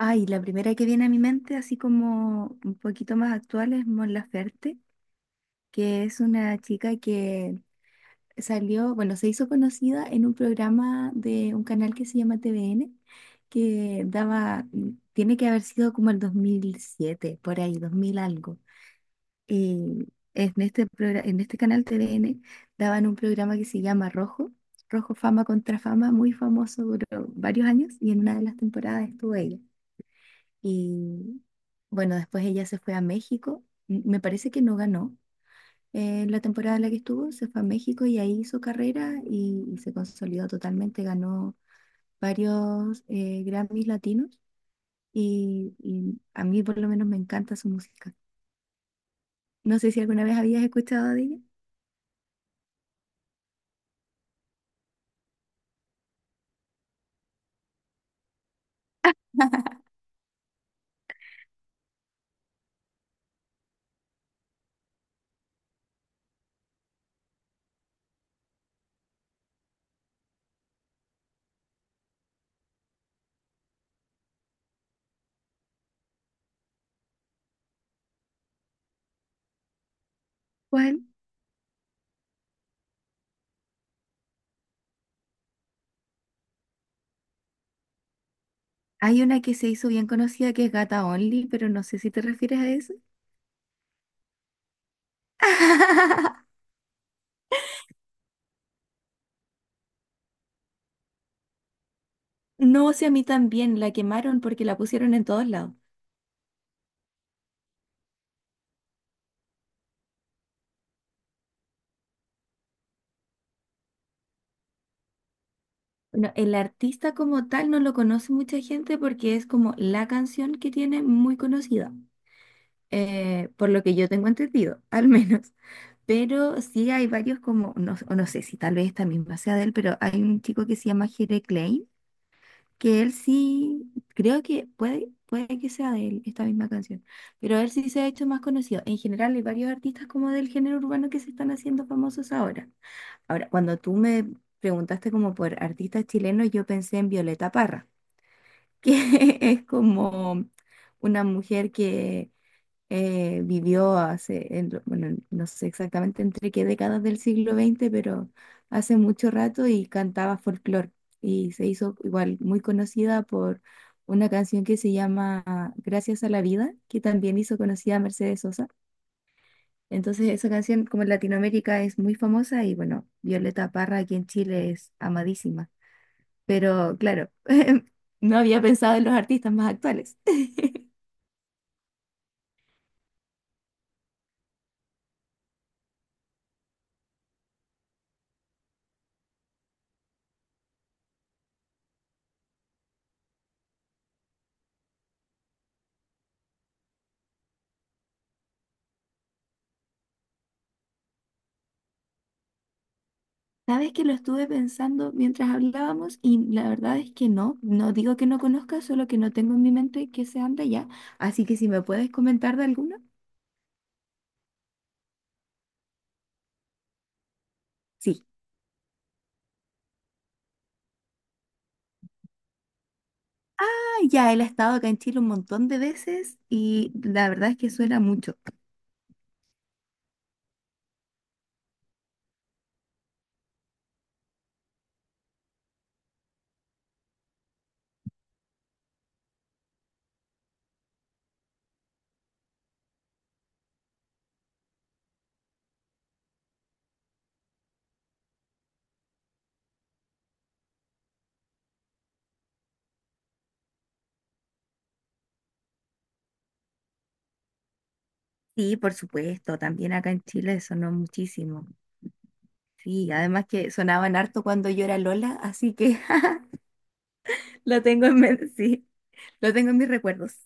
Ay, la primera que viene a mi mente, así como un poquito más actual, es Mon Laferte, que es una chica que salió, bueno, se hizo conocida en un programa de un canal que se llama TVN, que daba, tiene que haber sido como el 2007, por ahí, 2000 algo. Y en este, en este canal TVN daban un programa que se llama Rojo, Rojo Fama contra Fama, muy famoso, duró varios años y en una de las temporadas estuvo ella. Y bueno, después ella se fue a México. Me parece que no ganó la temporada en la que estuvo. Se fue a México y ahí hizo carrera y se consolidó totalmente. Ganó varios Grammys latinos y a mí por lo menos me encanta su música. No sé si alguna vez habías escuchado de ella. ¿Cuál? Hay una que se hizo bien conocida que es Gata Only, pero no sé si te refieres a eso. No, sé a mí también la quemaron porque la pusieron en todos lados. Bueno, el artista como tal no lo conoce mucha gente porque es como la canción que tiene muy conocida, por lo que yo tengo entendido, al menos. Pero sí hay varios como, no, o no sé si tal vez esta misma sea de él, pero hay un chico que se llama Jere Klein que él sí, creo que puede, puede que sea de él esta misma canción, pero él sí se ha hecho más conocido. En general hay varios artistas como del género urbano que se están haciendo famosos ahora. Ahora, cuando tú me preguntaste como por artistas chilenos, yo pensé en Violeta Parra, que es como una mujer que vivió hace, en bueno, no sé exactamente entre qué décadas del siglo XX, pero hace mucho rato y cantaba folclore. Y se hizo igual muy conocida por una canción que se llama Gracias a la vida, que también hizo conocida a Mercedes Sosa. Entonces esa canción como en Latinoamérica es muy famosa y bueno, Violeta Parra aquí en Chile es amadísima. Pero claro, no había pensado en los artistas más actuales. Sabes que lo estuve pensando mientras hablábamos y la verdad es que no, no digo que no conozca, solo que no tengo en mi mente que sean de allá. Así que si me puedes comentar de alguno. Sí. Ah, ya él ha estado acá en Chile un montón de veces y la verdad es que suena mucho. Sí, por supuesto, también acá en Chile sonó muchísimo. Sí, además que sonaban harto cuando yo era Lola, así que lo tengo en mente, sí, lo tengo en mis recuerdos.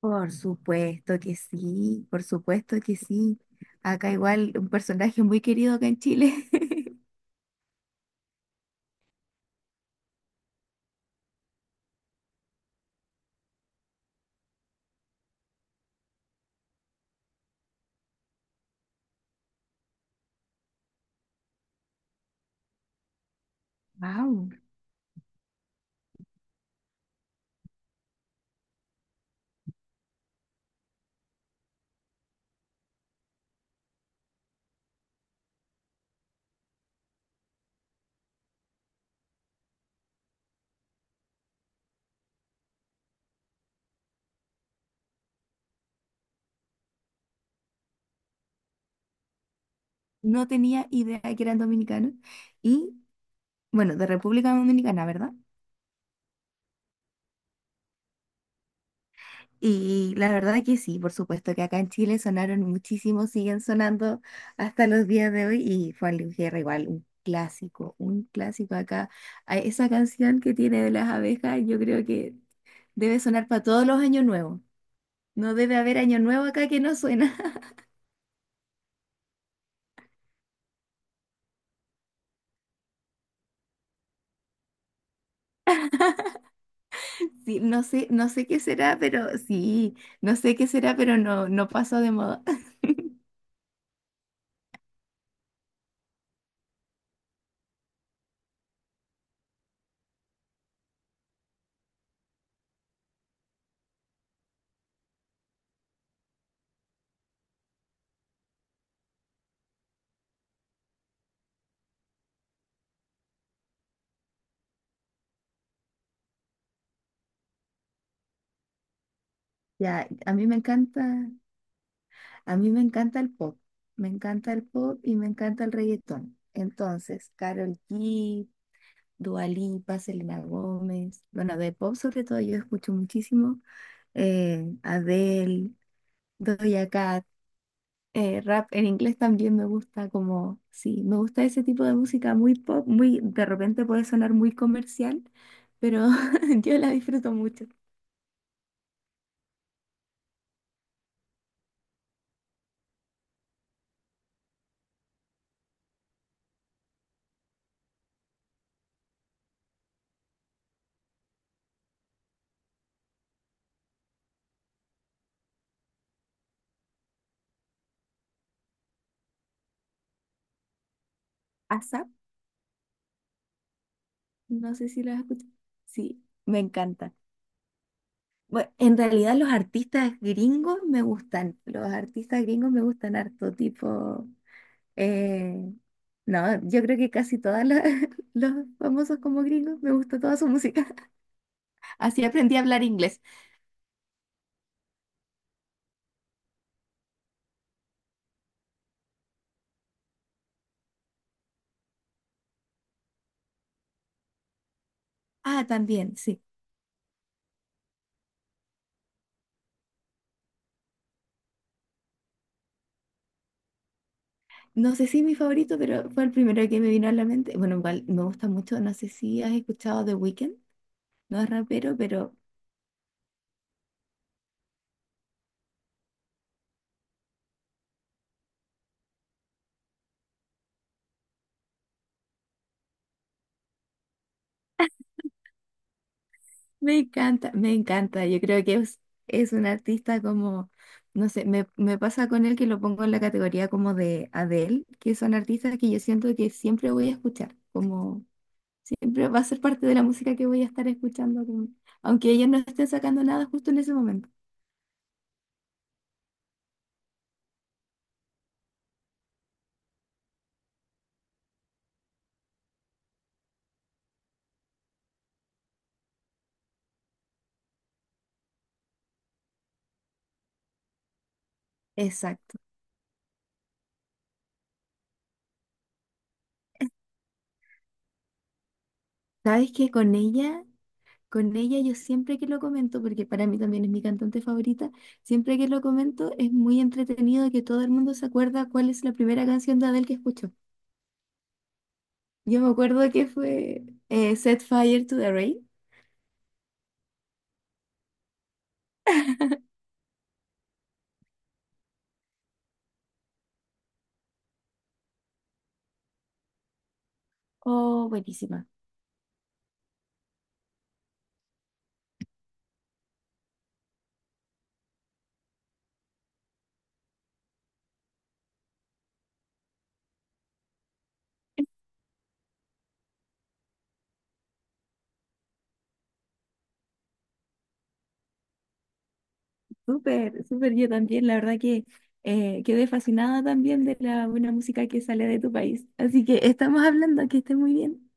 Por supuesto que sí, por supuesto que sí. Acá igual un personaje muy querido acá en Chile. Wow. No tenía idea que eran dominicanos. Y bueno, de República Dominicana, ¿verdad? Y la verdad que sí, por supuesto que acá en Chile sonaron muchísimo, siguen sonando hasta los días de hoy. Y Juan Luis Guerra igual, un clásico acá. A esa canción que tiene de las abejas, yo creo que debe sonar para todos los años nuevos. No debe haber año nuevo acá que no suena. Sí, no sé, no sé qué será, pero sí, no sé qué será, pero no, no pasó de moda. Ya, a mí me encanta, a mí me encanta el pop. Me encanta el pop y me encanta el reggaetón. Entonces, Karol G, Dua Lipa, Selena Gómez, bueno, de pop sobre todo yo escucho muchísimo. Adele, Doja Cat. Rap en inglés también me gusta como, sí, me gusta ese tipo de música muy pop, muy, de repente puede sonar muy comercial, pero yo la disfruto mucho. ASAP, no sé si lo has escuchado. Sí, me encanta. Bueno, en realidad los artistas gringos me gustan, los artistas gringos me gustan harto, tipo, eh, no, yo creo que casi todos los famosos como gringos me gusta toda su música. Así aprendí a hablar inglés. Ah, también, sí. No sé si es mi favorito, pero fue el primero que me vino a la mente. Bueno, igual me gusta mucho, no sé si has escuchado The Weeknd, no es rapero, pero me encanta, me encanta. Yo creo que es un artista como, no sé, me pasa con él que lo pongo en la categoría como de Adele, que son artistas que yo siento que siempre voy a escuchar, como siempre va a ser parte de la música que voy a estar escuchando, como- aunque ellos no estén sacando nada justo en ese momento. Exacto. ¿Sabes que con ella? Con ella yo siempre que lo comento, porque para mí también es mi cantante favorita, siempre que lo comento es muy entretenido que todo el mundo se acuerda cuál es la primera canción de Adele que escuchó. Yo me acuerdo que fue Set Fire to the Rain. Oh, buenísima. Súper, súper yo también. La verdad que quedé fascinada también de la buena música que sale de tu país. Así que estamos hablando, que estés muy bien.